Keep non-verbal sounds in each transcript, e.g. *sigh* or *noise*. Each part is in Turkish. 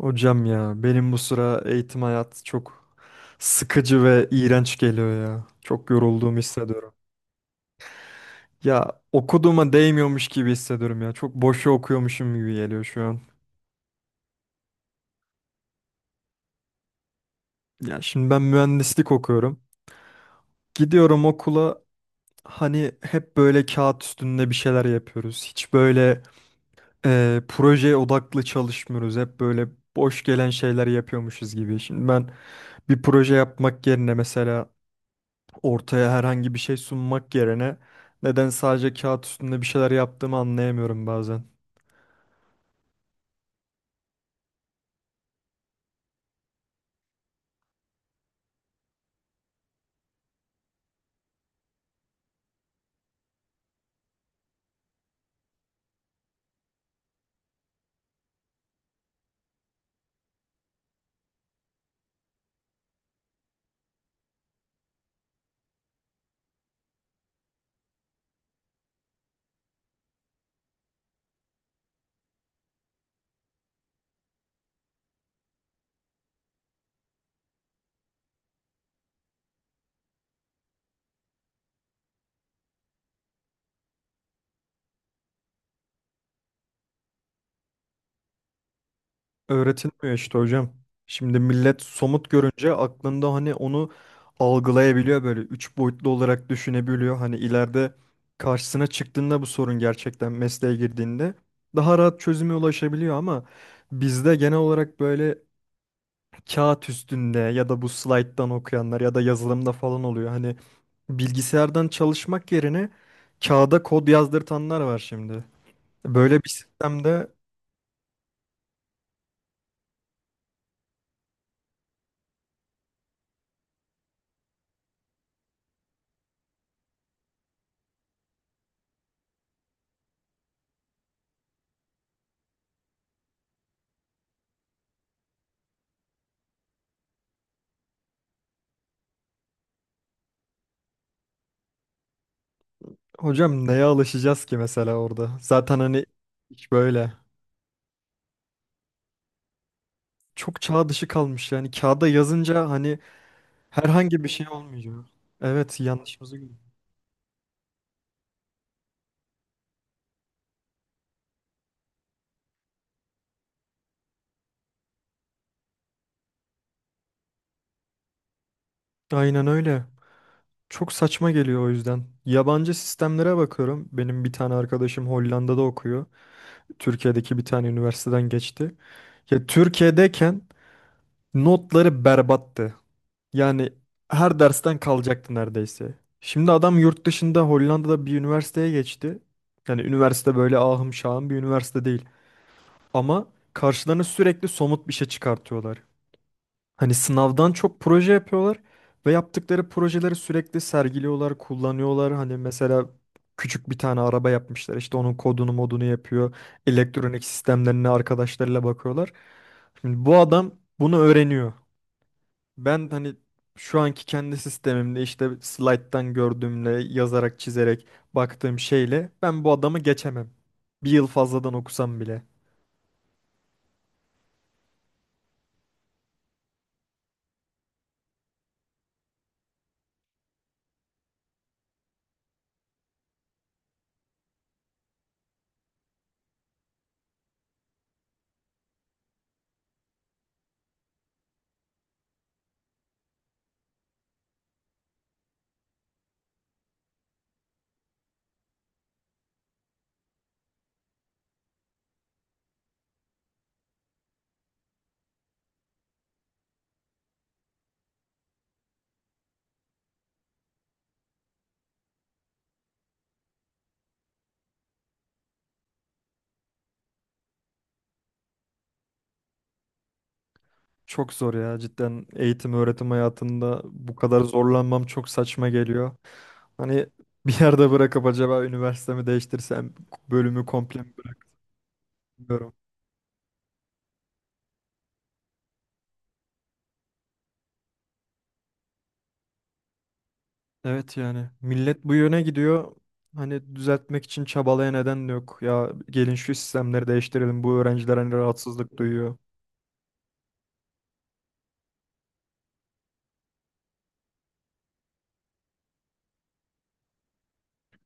Hocam ya benim bu sıra eğitim hayatı çok sıkıcı ve iğrenç geliyor ya. Çok yorulduğumu hissediyorum. Ya okuduğuma değmiyormuş gibi hissediyorum ya. Çok boşu okuyormuşum gibi geliyor şu an. Ya şimdi ben mühendislik okuyorum. Gidiyorum okula, hani hep böyle kağıt üstünde bir şeyler yapıyoruz. Hiç böyle projeye odaklı çalışmıyoruz. Hep böyle boş gelen şeyler yapıyormuşuz gibi. Şimdi ben bir proje yapmak yerine, mesela ortaya herhangi bir şey sunmak yerine, neden sadece kağıt üstünde bir şeyler yaptığımı anlayamıyorum bazen. Öğretilmiyor işte hocam. Şimdi millet somut görünce aklında hani onu algılayabiliyor, böyle üç boyutlu olarak düşünebiliyor. Hani ileride karşısına çıktığında bu sorun, gerçekten mesleğe girdiğinde daha rahat çözüme ulaşabiliyor, ama bizde genel olarak böyle kağıt üstünde ya da bu slayttan okuyanlar ya da yazılımda falan oluyor. Hani bilgisayardan çalışmak yerine kağıda kod yazdırtanlar var şimdi. Böyle bir sistemde hocam neye alışacağız ki mesela orada? Zaten hani hiç böyle, çok çağ dışı kalmış yani. Kağıda yazınca hani herhangi bir şey olmuyor. Evet, yanlışımızı gördük. Aynen öyle. Çok saçma geliyor o yüzden. Yabancı sistemlere bakıyorum. Benim bir tane arkadaşım Hollanda'da okuyor. Türkiye'deki bir tane üniversiteden geçti. Ya Türkiye'deyken notları berbattı. Yani her dersten kalacaktı neredeyse. Şimdi adam yurt dışında Hollanda'da bir üniversiteye geçti. Yani üniversite böyle ahım şahım bir üniversite değil. Ama karşılarına sürekli somut bir şey çıkartıyorlar. Hani sınavdan çok proje yapıyorlar ve yaptıkları projeleri sürekli sergiliyorlar, kullanıyorlar. Hani mesela küçük bir tane araba yapmışlar. İşte onun kodunu modunu yapıyor. Elektronik sistemlerine arkadaşlarıyla bakıyorlar. Şimdi bu adam bunu öğreniyor. Ben hani şu anki kendi sistemimde, işte slide'dan gördüğümle yazarak çizerek baktığım şeyle ben bu adamı geçemem. Bir yıl fazladan okusam bile. Çok zor ya, cidden eğitim öğretim hayatında bu kadar zorlanmam çok saçma geliyor. Hani *laughs* bir yerde bırakıp acaba üniversitemi değiştirsem, bölümü komple mi bırakmıyorum. Evet, yani millet bu yöne gidiyor. Hani düzeltmek için çabalaya neden de yok. Ya gelin şu sistemleri değiştirelim, bu öğrenciler hani rahatsızlık duyuyor.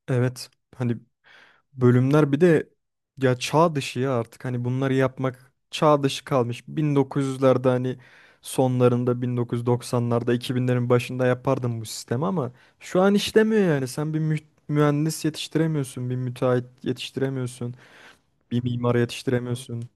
Evet. Hani bölümler bir de ya çağ dışı, ya artık hani bunları yapmak çağ dışı kalmış. 1900'lerde hani sonlarında, 1990'larda, 2000'lerin başında yapardım bu sistemi ama şu an işlemiyor yani. Sen bir mühendis yetiştiremiyorsun, bir müteahhit yetiştiremiyorsun, bir mimar yetiştiremiyorsun.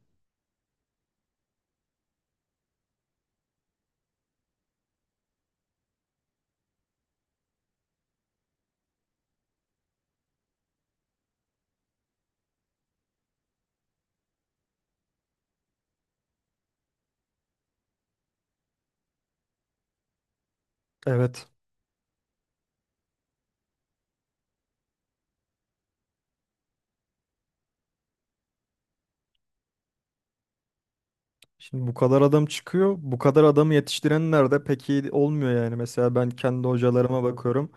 Evet. Şimdi bu kadar adam çıkıyor. Bu kadar adamı yetiştirenler de pek iyi olmuyor yani. Mesela ben kendi hocalarıma bakıyorum.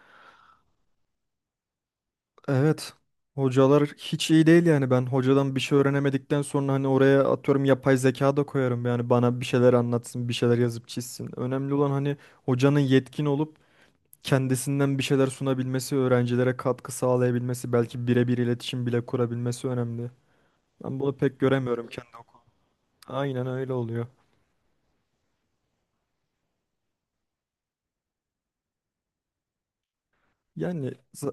Evet. Hocalar hiç iyi değil yani. Ben hocadan bir şey öğrenemedikten sonra, hani oraya atıyorum yapay zeka da koyarım yani, bana bir şeyler anlatsın, bir şeyler yazıp çizsin. Önemli olan hani hocanın yetkin olup kendisinden bir şeyler sunabilmesi, öğrencilere katkı sağlayabilmesi, belki birebir iletişim bile kurabilmesi önemli. Ben bunu pek göremiyorum kendi okulda. Aynen öyle oluyor. Yani za-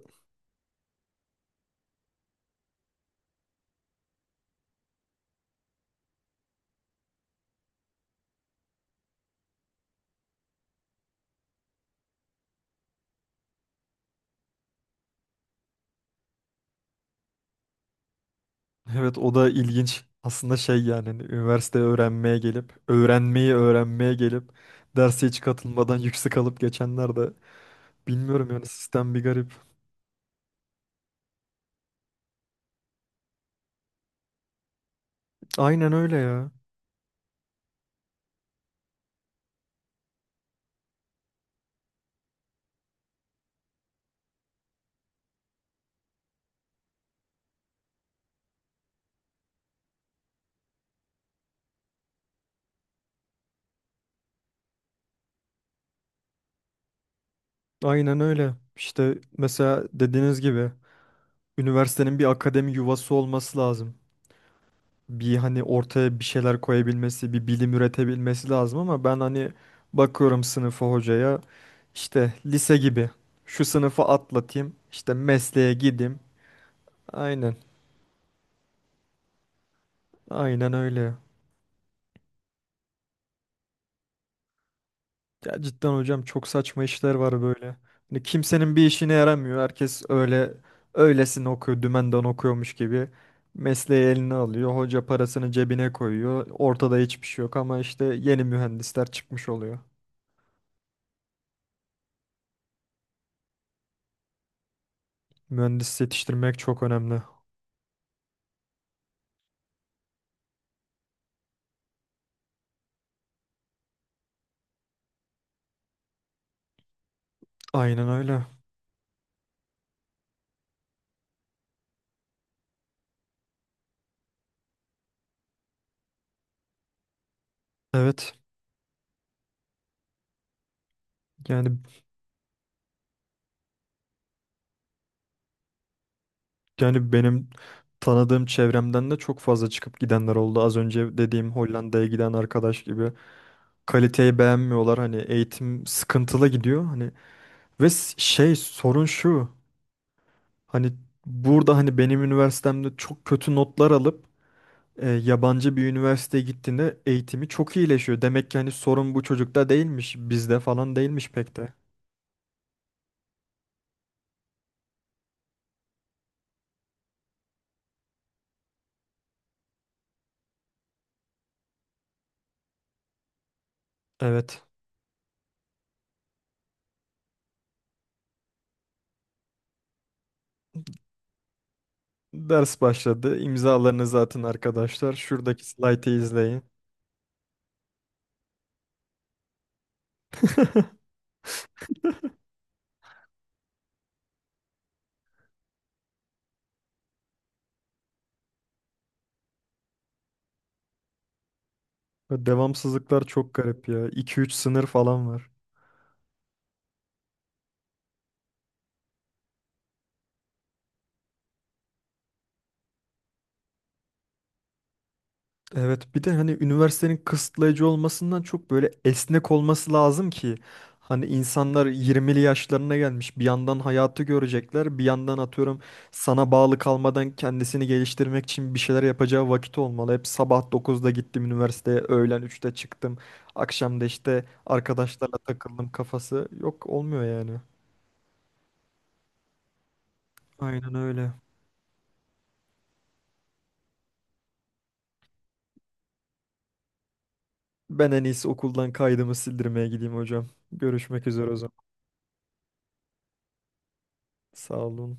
Evet, o da ilginç. Aslında şey yani, hani üniversite öğrenmeye gelip, öğrenmeyi öğrenmeye gelip derse hiç katılmadan *laughs* yüksek alıp geçenler de, bilmiyorum yani, sistem bir garip. Aynen öyle ya. Aynen öyle. İşte mesela dediğiniz gibi üniversitenin bir akademi yuvası olması lazım. Bir hani ortaya bir şeyler koyabilmesi, bir bilim üretebilmesi lazım, ama ben hani bakıyorum sınıfa, hocaya, işte lise gibi şu sınıfı atlatayım, işte mesleğe gideyim. Aynen. Aynen öyle. Ya cidden hocam çok saçma işler var böyle. Hani kimsenin bir işine yaramıyor. Herkes öyle, öylesine okuyor, dümenden okuyormuş gibi. Mesleği eline alıyor. Hoca parasını cebine koyuyor. Ortada hiçbir şey yok ama işte yeni mühendisler çıkmış oluyor. Mühendis yetiştirmek çok önemli. Aynen öyle. Evet. Yani yani benim tanıdığım çevremden de çok fazla çıkıp gidenler oldu. Az önce dediğim Hollanda'ya giden arkadaş gibi. Kaliteyi beğenmiyorlar. Hani eğitim sıkıntılı gidiyor. Hani şey, sorun şu. Hani burada, hani benim üniversitemde çok kötü notlar alıp yabancı bir üniversiteye gittiğinde eğitimi çok iyileşiyor. Demek ki hani sorun bu çocukta değilmiş, bizde falan değilmiş pek de. Evet. Ders başladı. İmzalarınızı atın arkadaşlar. Şuradaki slaytı izleyin. *laughs* Devamsızlıklar çok garip ya. İki üç sınır falan var. Evet, bir de hani üniversitenin kısıtlayıcı olmasından çok böyle esnek olması lazım ki, hani insanlar 20'li yaşlarına gelmiş, bir yandan hayatı görecekler, bir yandan atıyorum sana bağlı kalmadan kendisini geliştirmek için bir şeyler yapacağı vakit olmalı. Hep sabah 9'da gittim üniversiteye, öğlen 3'te çıktım, akşam da işte arkadaşlarla takıldım kafası yok olmuyor yani. Aynen öyle. Ben en iyisi okuldan kaydımı sildirmeye gideyim hocam. Görüşmek üzere o zaman. Sağ olun.